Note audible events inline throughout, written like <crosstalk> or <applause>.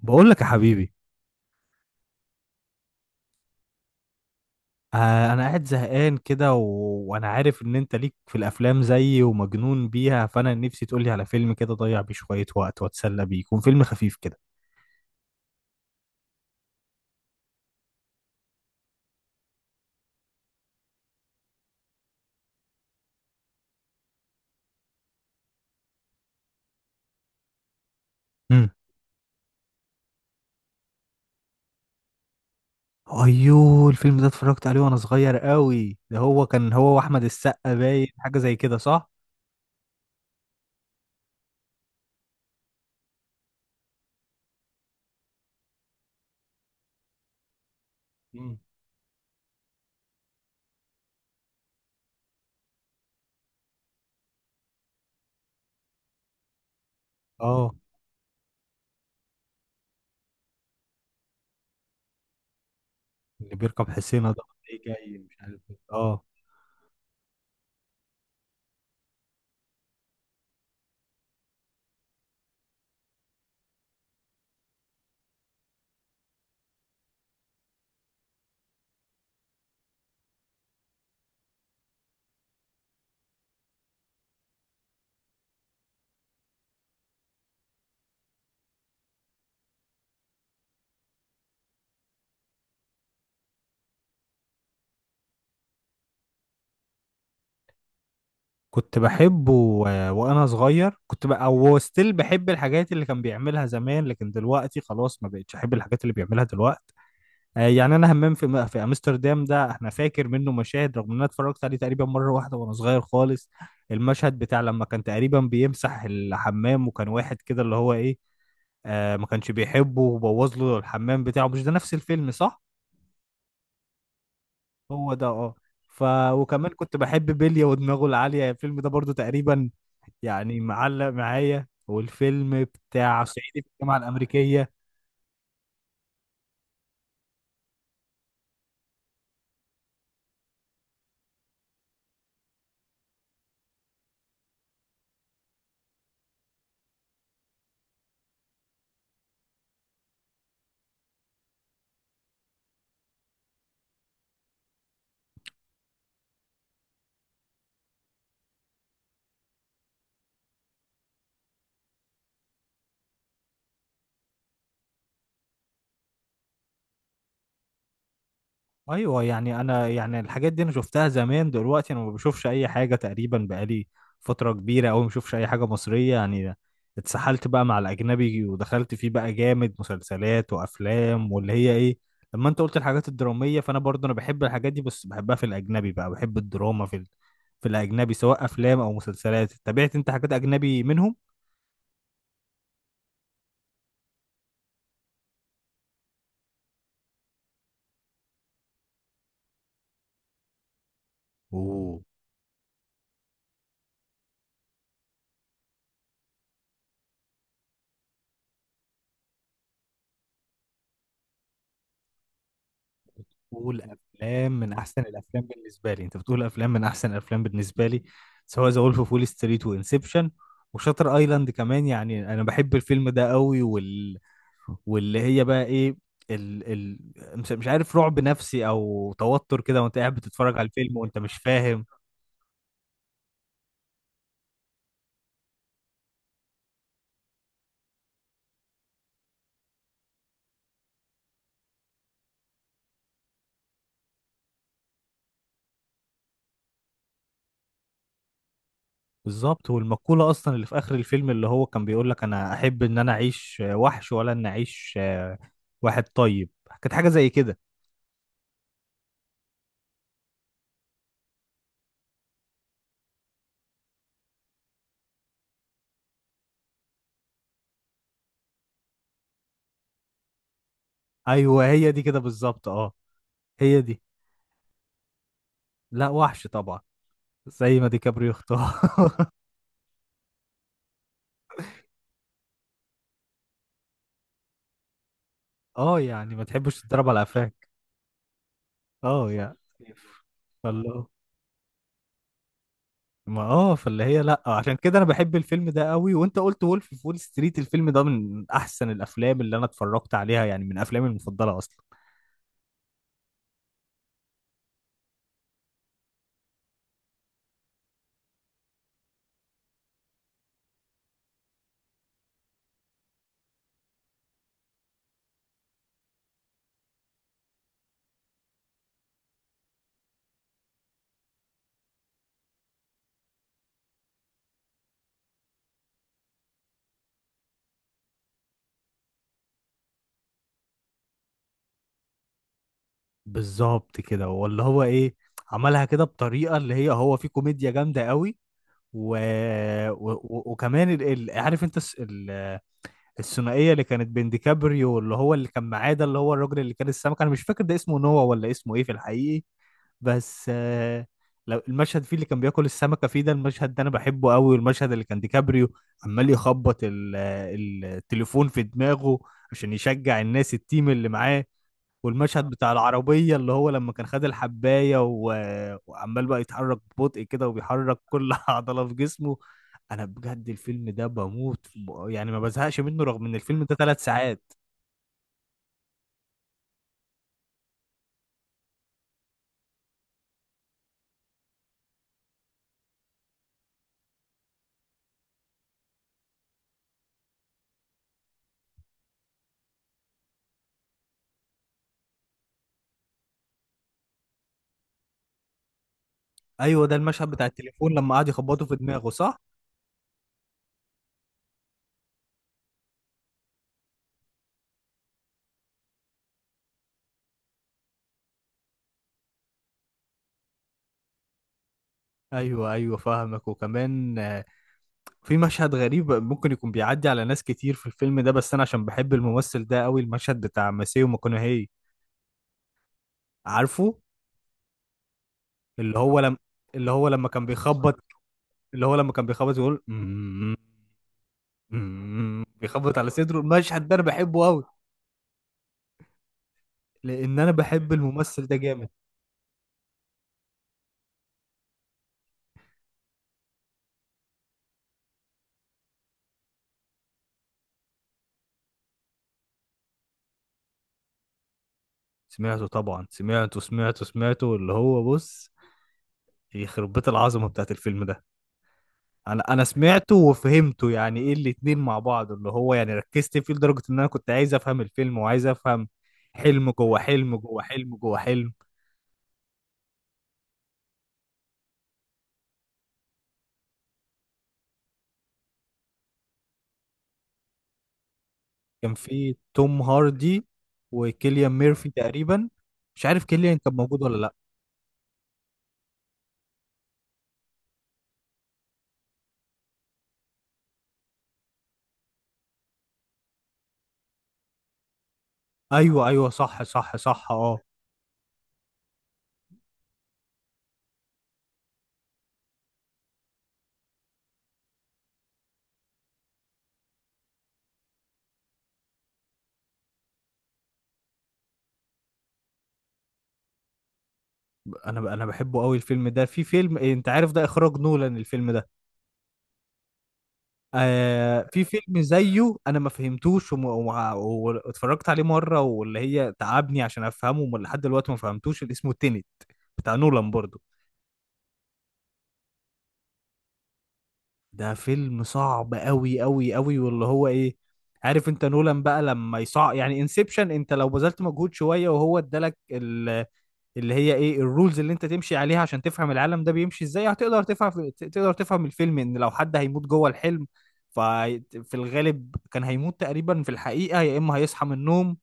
بقول لك يا حبيبي. آه، انا قاعد زهقان كده وانا عارف ان انت ليك في الافلام زيي ومجنون بيها، فانا نفسي تقولي على فيلم كده ضيع بيه شوية وقت واتسلى بيه، يكون فيلم خفيف كده. امم. ايوه، الفيلم ده اتفرجت عليه وانا صغير قوي، ده هو كان هو واحمد السقا باين، حاجة زي كده صح؟ مم. اه. اللي بيركب حصينة ده. ايه جاي مش عارف إيه. اه. كنت بحبه وانا صغير كنت بقى او ستيل بحب الحاجات اللي كان بيعملها زمان، لكن دلوقتي خلاص ما بقتش احب الحاجات اللي بيعملها دلوقتي. يعني انا همام في في امستردام ده احنا فاكر منه مشاهد، رغم ان انا اتفرجت عليه تقريبا مره واحده وانا صغير خالص. المشهد بتاع لما كان تقريبا بيمسح الحمام وكان واحد كده اللي هو ايه، ما كانش بيحبه وبوظ له الحمام بتاعه. مش ده نفس الفيلم صح؟ هو ده اه. ف وكمان كنت بحب بيليا ودماغه العاليه، الفيلم ده برضو تقريبا يعني معلق معايا. والفيلم بتاع صعيدي في الجامعه الامريكيه. ايوه، يعني انا يعني الحاجات دي انا شفتها زمان، دلوقتي انا ما بشوفش اي حاجه تقريبا، بقالي فتره كبيره قوي ما بشوفش اي حاجه مصريه يعني. اتسحلت بقى مع الاجنبي، ودخلت فيه بقى جامد، مسلسلات وافلام واللي هي ايه. لما انت قلت الحاجات الدراميه، فانا برضه انا بحب الحاجات دي، بس بحبها في الاجنبي، بقى بحب الدراما في في الاجنبي، سواء افلام او مسلسلات. تابعت انت حاجات اجنبي منهم؟ اوه. بتقول افلام من احسن الافلام بالنسبه لي، انت بتقول افلام من احسن الافلام بالنسبه لي، سواء ذا وولف اوف وول ستريت وانسبشن وشاتر ايلاند كمان. يعني انا بحب الفيلم ده قوي، واللي هي بقى ايه، مش عارف، رعب نفسي او توتر كده، وانت قاعد بتتفرج على الفيلم وانت مش فاهم. بالظبط. والمقوله اصلا اللي في اخر الفيلم اللي هو كان بيقول لك: انا احب ان انا اعيش وحش، ولا ان اعيش واحد طيب. كانت حاجه زي كده. ايوه، هي دي كده بالظبط اه. هي دي. لا، وحش طبعا. زي ما ديكابريو اختار. <laughs> اه يعني ما تحبش تضرب على قفاك. اه يعني. فالله ما فاللي هي لا، عشان كده انا بحب الفيلم ده قوي، وانت قلت وولف في وول ستريت. الفيلم ده من احسن الافلام اللي انا اتفرجت عليها، يعني من افلامي المفضله اصلا. بالظبط كده واللي هو ايه، عملها كده بطريقه اللي هي هو في كوميديا جامده قوي. و... وكمان عارف انت الثنائيه اللي كانت بين ديكابريو، اللي هو اللي كان معاه ده، اللي هو الراجل اللي كان السمك، انا مش فاكر ده اسمه نوا ولا اسمه ايه في الحقيقي. بس لو المشهد فيه اللي كان بياكل السمكه فيه، ده المشهد ده انا بحبه قوي. والمشهد اللي كان ديكابريو عمال يخبط التليفون في دماغه عشان يشجع الناس، التيم اللي معاه. والمشهد بتاع العربية اللي هو لما كان خد الحباية وعمال بقى يتحرك ببطء كده، وبيحرك كل <laughs> عضلة في جسمه. أنا بجد الفيلم ده بموت يعني ما بزهقش منه، رغم إن الفيلم ده 3 ساعات. أيوه، ده المشهد بتاع التليفون لما قعد يخبطه في دماغه صح؟ أيوه أيوه فاهمك. وكمان في مشهد غريب ممكن يكون بيعدي على ناس كتير في الفيلم ده، بس أنا عشان بحب الممثل ده قوي، المشهد بتاع ماسيو ماكونهي. عارفه؟ اللي هو لما اللي هو لما كان بيخبط اللي هو لما كان بيخبط يقول: "أمم، أمم"، بيخبط على صدره. المشهد ده انا بحبه قوي لان انا بحب الممثل ده جامد. سمعته طبعا، سمعته سمعته سمعته اللي هو بص، يخرب بيت العظمه بتاعت الفيلم ده. انا سمعته وفهمته، يعني ايه الاتنين مع بعض، اللي هو يعني ركزت فيه لدرجه ان انا كنت عايز افهم الفيلم وعايز افهم. حلم جوه حلم جوه حلم جوه حلم. كان في توم هاردي وكيليان ميرفي تقريبا. مش عارف كيليان كان موجود ولا لا. ايوه ايوه صح صح صح اه. انا بحبه قوي الفيلم ده. في فيلم إيه، انت عارف ده اخراج نولان الفيلم ده. في فيلم زيه انا ما فهمتوش واتفرجت عليه مره، واللي هي تعبني عشان افهمه، لحد دلوقتي ما فهمتوش، اللي اسمه تينت بتاع نولان برضو. ده فيلم صعب قوي قوي قوي، واللي هو ايه، عارف انت نولان بقى لما يصع يعني. انسبشن انت لو بذلت مجهود شويه، وهو ادالك اللي هي ايه الرولز اللي انت تمشي عليها عشان تفهم العالم ده بيمشي ازاي، هتقدر تفهم. تقدر تفهم الفيلم ان لو حد هيموت جوه الحلم، ففي الغالب كان هيموت تقريبا في الحقيقة، يا اما هيصحى من النوم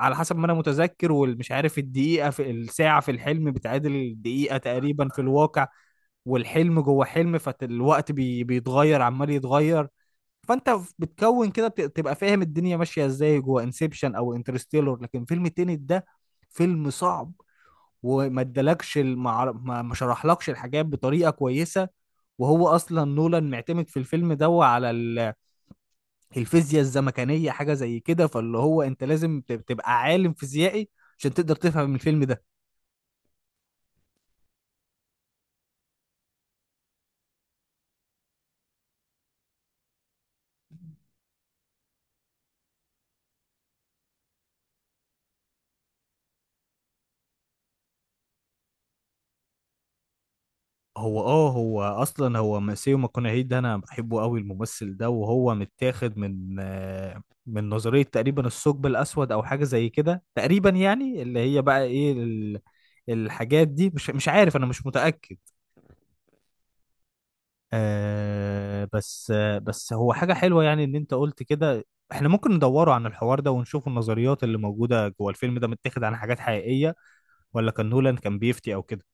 على حسب ما انا متذكر. والمش عارف، الدقيقة في الساعة في الحلم بتعادل الدقيقة تقريبا في الواقع، والحلم جوه حلم، فالوقت بيتغير عمال يتغير. فانت بتكون كده تبقى فاهم الدنيا ماشية ازاي جوه انسبشن او انترستيلر. لكن فيلم التاني ده فيلم صعب، وما ادالكش ما شرحلكش الحاجات بطريقه كويسه. وهو اصلا نولان معتمد في الفيلم ده على الفيزياء الزمكانيه، حاجه زي كده، فاللي هو انت لازم تبقى عالم فيزيائي عشان تقدر تفهم الفيلم ده. هو اه، هو اصلا هو ماسيو ماكونهي ده انا بحبه قوي الممثل ده. وهو متاخد من من نظريه تقريبا الثقب الاسود او حاجه زي كده تقريبا، يعني اللي هي بقى ايه الحاجات دي مش عارف، انا مش متاكد. بس هو حاجة حلوة يعني اللي انت قلت كده. احنا ممكن ندوره عن الحوار ده ونشوف النظريات اللي موجودة جوه الفيلم ده، متاخد عن حاجات حقيقية ولا كان نولان كان بيفتي او كده.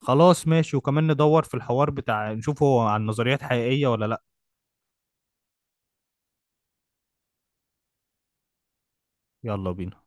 خلاص ماشي، وكمان ندور في الحوار بتاع نشوف هو عن نظريات حقيقية ولا لا. يلا بينا.